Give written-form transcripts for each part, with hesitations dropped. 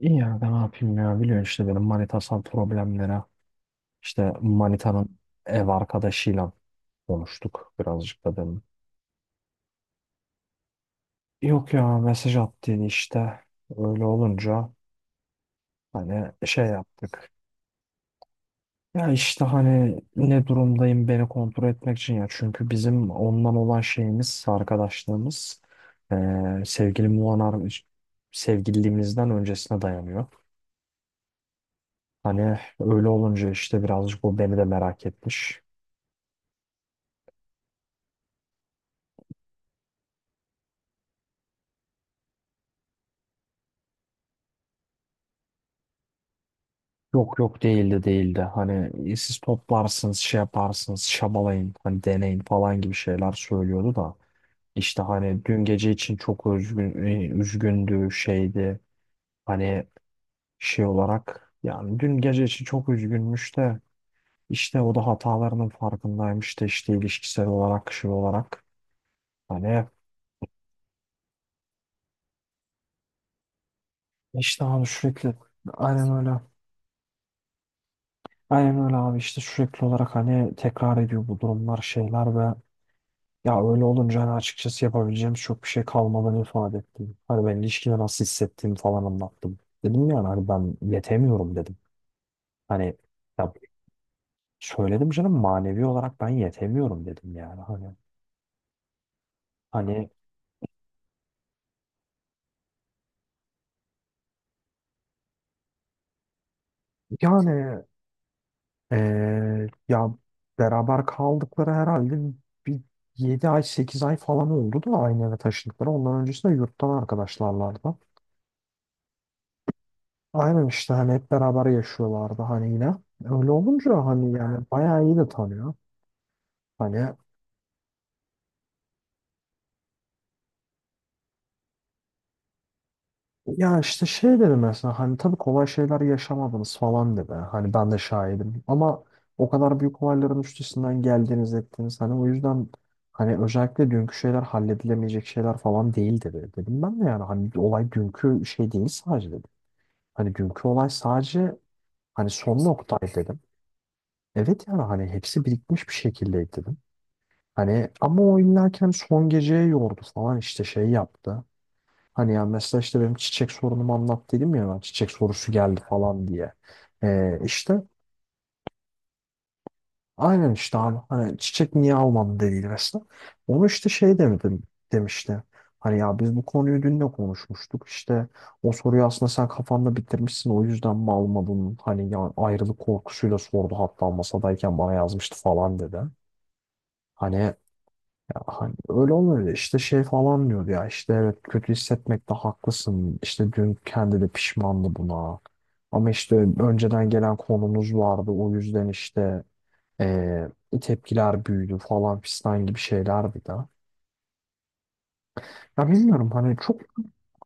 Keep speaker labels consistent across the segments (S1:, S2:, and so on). S1: İyi ya, ben ne yapayım ya. Biliyorsun işte benim manitasal problemlere, işte manitanın ev arkadaşıyla konuştuk birazcık da dedim. Yok ya, mesaj attın işte, öyle olunca hani şey yaptık. Ya işte hani ne durumdayım, beni kontrol etmek için ya, çünkü bizim ondan olan şeyimiz, arkadaşlığımız, sevgili Muanar, sevgililiğimizden öncesine dayanıyor. Hani öyle olunca işte birazcık o beni de merak etmiş. Yok yok, değildi değildi. Hani, siz toplarsınız, şey yaparsınız, şabalayın hani, deneyin falan gibi şeyler söylüyordu da. İşte hani dün gece için çok üzgündü, şeydi. Hani şey olarak yani dün gece için çok üzgünmüş de, işte o da hatalarının farkındaymış da, işte ilişkisel olarak, şey olarak. Hani işte hani sürekli, aynen öyle. Aynen öyle abi, işte sürekli olarak hani tekrar ediyor bu durumlar, şeyler, ve ya öyle olunca hani açıkçası yapabileceğim çok bir şey kalmadığını ifade ettim. Hani ben ilişkide nasıl hissettiğimi falan anlattım. Dedim, yani hani ben yetemiyorum dedim. Hani, ya söyledim canım, manevi olarak ben yetemiyorum dedim yani. Hani, yani, ya beraber kaldıkları herhalde bir 7 ay 8 ay falan oldu da aynı eve taşındıkları. Ondan öncesinde yurttan arkadaşlarlardı. Aynen, işte hani hep beraber yaşıyorlardı hani, yine. Öyle olunca hani yani bayağı iyi de tanıyor. Hani ya işte şey dedi mesela, hani tabii kolay şeyler yaşamadınız falan dedi. Hani ben de şahidim, ama o kadar büyük olayların üstesinden geldiniz, ettiniz. Hani o yüzden, hani özellikle dünkü şeyler halledilemeyecek şeyler falan değil dedi. Dedim ben de, yani hani olay dünkü şey değil sadece dedim. Hani dünkü olay sadece, hani son noktaydı dedim. Evet, yani hani hepsi birikmiş bir şekildeydi dedim. Hani ama o illa ki hani son geceye yordu falan, işte şey yaptı. Hani ya mesela, işte benim çiçek sorunumu anlat dedim ya, ben çiçek sorusu geldi falan diye. İşte aynen, işte abi hani çiçek niye almadın dediydi mesela. Onu işte şey demedim, demişti. Hani ya biz bu konuyu dün de konuşmuştuk, işte o soruyu aslında sen kafanda bitirmişsin, o yüzden mi almadın? Hani ya ayrılık korkusuyla sordu, hatta masadayken bana yazmıştı falan dedi. Hani Hani, öyle olunca işte şey falan diyordu ya, işte evet kötü hissetmekte haklısın, işte dün kendi de pişmandı buna, ama işte önceden gelen konumuz vardı, o yüzden işte eee, tepkiler büyüdü falan fistan gibi şeylerdi de. Ya bilmiyorum hani, çok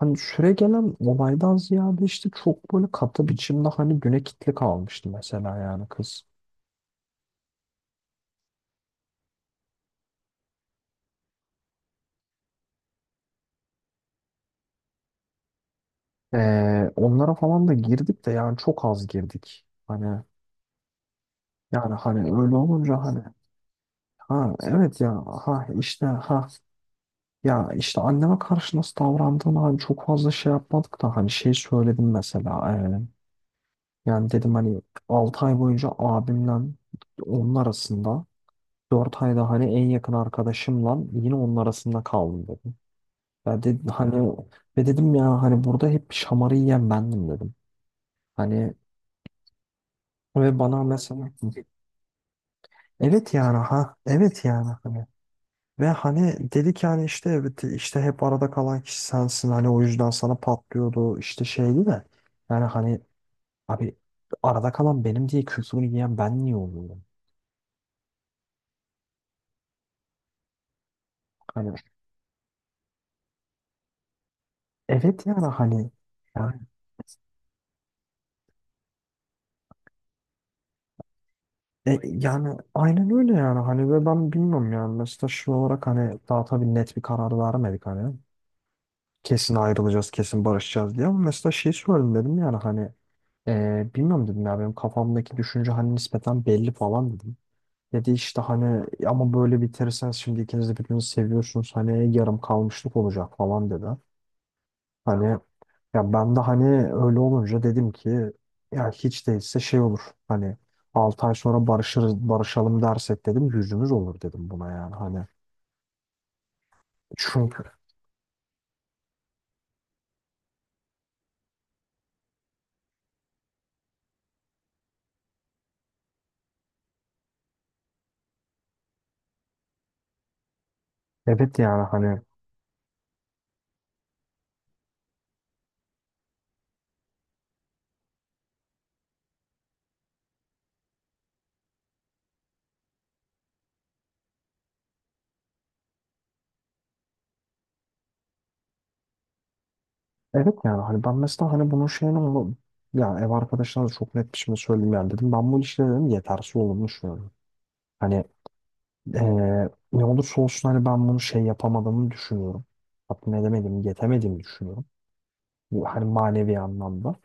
S1: hani süre gelen olaydan ziyade, işte çok böyle katı biçimde hani güne kitli kalmıştı mesela yani kız. Onlara falan da girdik de, yani çok az girdik. Hani, yani hani, öyle olunca hani, ha evet ya, ha işte, ha ya işte anneme karşı nasıl davrandığını hani çok fazla şey yapmadık da, hani şey söyledim mesela, yani dedim hani 6 ay boyunca abimle onun arasında, 4 ayda hani en yakın arkadaşımla yine onun arasında kaldım dedim. Ya dedim hani, ve dedim ya hani burada hep şamarı yiyen bendim dedim. Hani, ve bana mesela, evet yani, ha evet yani, ve hani dedi ki, hani işte evet, işte hep arada kalan kişi sensin, hani o yüzden sana patlıyordu, işte şeydi de, yani hani abi, arada kalan benim diye küfrünü yiyen ben niye oluyorum? Hani evet yani hani, yani, yani aynen öyle yani hani, ve ben bilmiyorum yani, mesela şu olarak hani daha tabii net bir karar vermedik hani, kesin ayrılacağız kesin barışacağız diye, ama mesela şey söyledim, dedim yani hani, bilmiyorum dedim ya, benim kafamdaki düşünce hani nispeten belli falan dedim. Dedi işte hani ama, böyle bitirseniz şimdi ikiniz de birbirinizi seviyorsunuz, hani yarım kalmışlık olacak falan dedi. Hani ya ben de hani öyle olunca dedim ki, ya hiç değilse şey olur, hani 6 ay sonra barışırız, barışalım dersek dedim, yüzümüz olur dedim buna, yani hani, çünkü evet yani hani, evet yani hani ben mesela hani bunun şeyini, onu, yani ev arkadaşlarına da çok net bir şekilde söyleyeyim yani dedim, ben bu ilişkide dedim yetersiz olduğumu düşünüyorum. Hani, Ee, ne olursa olsun hani ben bunu şey yapamadığımı düşünüyorum. Tatmin edemedim, yetemediğimi düşünüyorum. Bu hani manevi anlamda.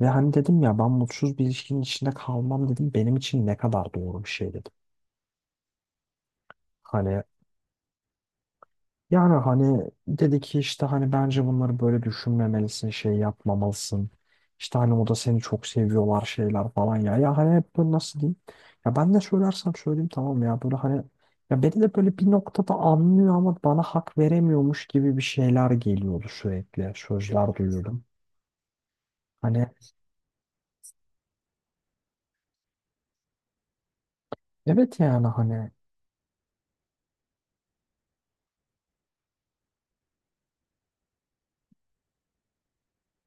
S1: Ve hani dedim ya, ben mutsuz bir ilişkinin içinde kalmam dedim. Benim için ne kadar doğru bir şey dedim. Hani, yani hani dedi ki, işte hani bence bunları böyle düşünmemelisin, şey yapmamalısın. İşte hani o da seni çok seviyorlar, şeyler falan ya. Ya hani hep böyle, nasıl diyeyim? Ya ben ne söylersem söyleyeyim tamam ya. Böyle hani, ya beni de böyle bir noktada anlıyor ama bana hak veremiyormuş gibi bir şeyler geliyordu sürekli. Sözler duyuyordum. Hani, evet yani hani,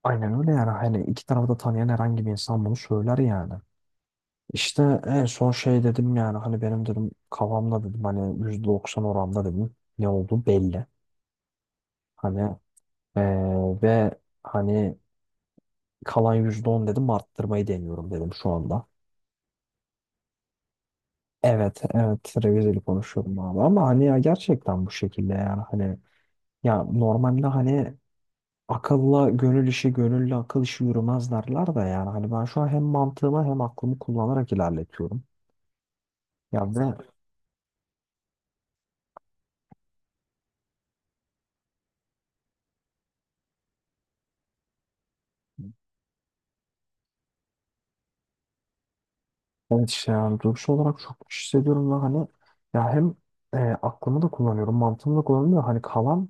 S1: aynen öyle yani. Hani iki tarafı da tanıyan herhangi bir insan bunu söyler yani. İşte en son şey dedim yani hani, benim dedim kafamda dedim hani %90 oranda dedim ne oldu belli. Hani, ve hani kalan %10 dedim arttırmayı deniyorum dedim şu anda. Evet evet, revizeli konuşuyorum abi, ama hani ya gerçekten bu şekilde yani hani, ya normalde hani akılla gönül işi, gönüllü akıl işi yürümez derler de, yani hani ben şu an hem mantığımı hem aklımı kullanarak ilerletiyorum yani. Ve evet, işte yani duygusal olarak çok hissediyorum, ve hani ya hem aklımı da kullanıyorum, mantığımı da kullanıyorum, hani kalan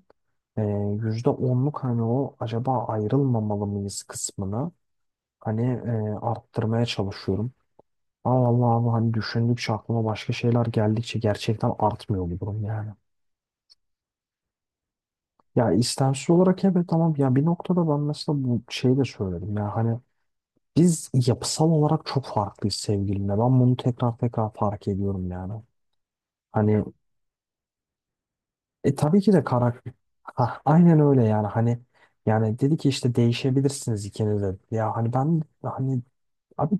S1: e, %10'luk hani o acaba ayrılmamalı mıyız kısmını hani arttırmaya çalışıyorum. Ama vallahi abi hani düşündükçe, aklıma başka şeyler geldikçe gerçekten artmıyor bu durum yani. Ya istemsiz olarak evet, tamam ya, bir noktada ben mesela bu şeyi de söyledim ya hani, biz yapısal olarak çok farklıyız sevgilimle, ben bunu tekrar tekrar fark ediyorum yani. Hani, e tabii ki de karakter. Ha, aynen öyle yani hani, yani dedi ki işte değişebilirsiniz ikiniz de. Ya hani ben hani, abi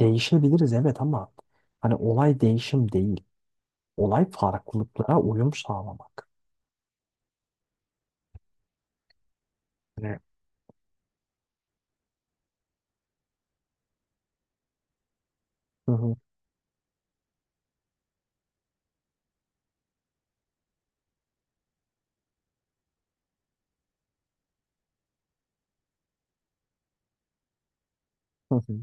S1: değişebiliriz evet, ama hani olay değişim değil. Olay farklılıklara uyum sağlamak. Hani. Hı hı, hı hı.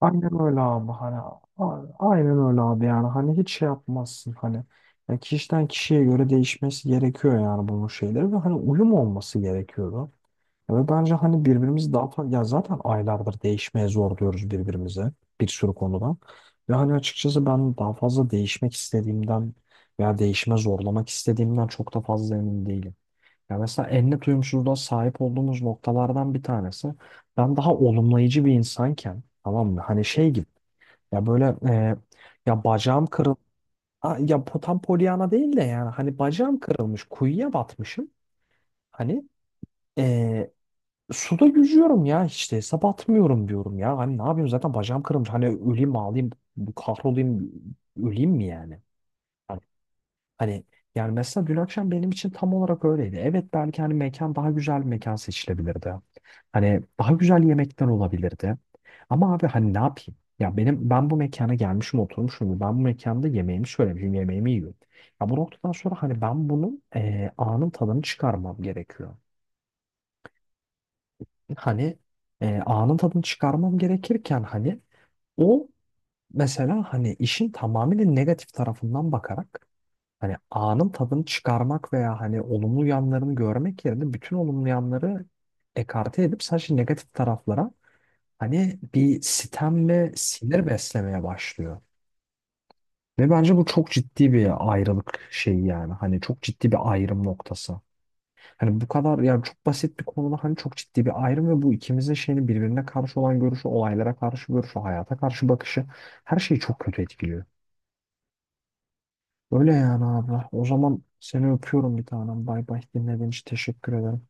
S1: Aynen öyle abi hani, aynen öyle abi yani hani hiç şey yapmazsın hani, ya kişiden kişiye göre değişmesi gerekiyor yani bunun şeyleri, ve hani uyum olması gerekiyor, ve bence hani birbirimizi daha fazla, ya zaten aylardır değişmeye zor diyoruz birbirimize bir sürü konuda. Ve hani açıkçası ben daha fazla değişmek istediğimden veya değişime zorlamak istediğimden çok da fazla emin değilim. Ya mesela en net uyumsuzluğa sahip olduğumuz noktalardan bir tanesi, ben daha olumlayıcı bir insanken, tamam mı? Hani şey gibi, ya böyle ya, bacağım kırıl aa, ya tam polyana değil de, yani hani bacağım kırılmış, kuyuya batmışım, hani ee, suda yüzüyorum ya, işte hesap atmıyorum diyorum ya. Hani ne yapayım, zaten bacağım kırılmış. Hani öleyim mi, ağlayayım, kahrolayım, öleyim mi yani? Hani, hani, yani mesela dün akşam benim için tam olarak öyleydi. Evet belki hani mekan, daha güzel bir mekan seçilebilirdi. Hani daha güzel yemekler olabilirdi. Ama abi hani ne yapayım? Ya benim, ben bu mekana gelmişim, oturmuşum. Ben bu mekanda yemeğimi söylemişim, yemeğimi yiyorum. Ya bu noktadan sonra hani ben bunun anın tadını çıkarmam gerekiyor. Hani anın tadını çıkarmam gerekirken, hani o mesela hani işin tamamıyla negatif tarafından bakarak hani anın tadını çıkarmak veya hani olumlu yanlarını görmek yerine, bütün olumlu yanları ekarte edip sadece negatif taraflara hani bir sitem ve sinir beslemeye başlıyor. Ve bence bu çok ciddi bir ayrılık şeyi yani. Hani çok ciddi bir ayrım noktası. Hani bu kadar yani, çok basit bir konuda hani çok ciddi bir ayrım, ve bu ikimizin şeyini, birbirine karşı olan görüşü, olaylara karşı görüşü, hayata karşı bakışı, her şeyi çok kötü etkiliyor. Öyle yani abla. O zaman seni öpüyorum bir tanem. Bay bay. Dinlediğin için teşekkür ederim.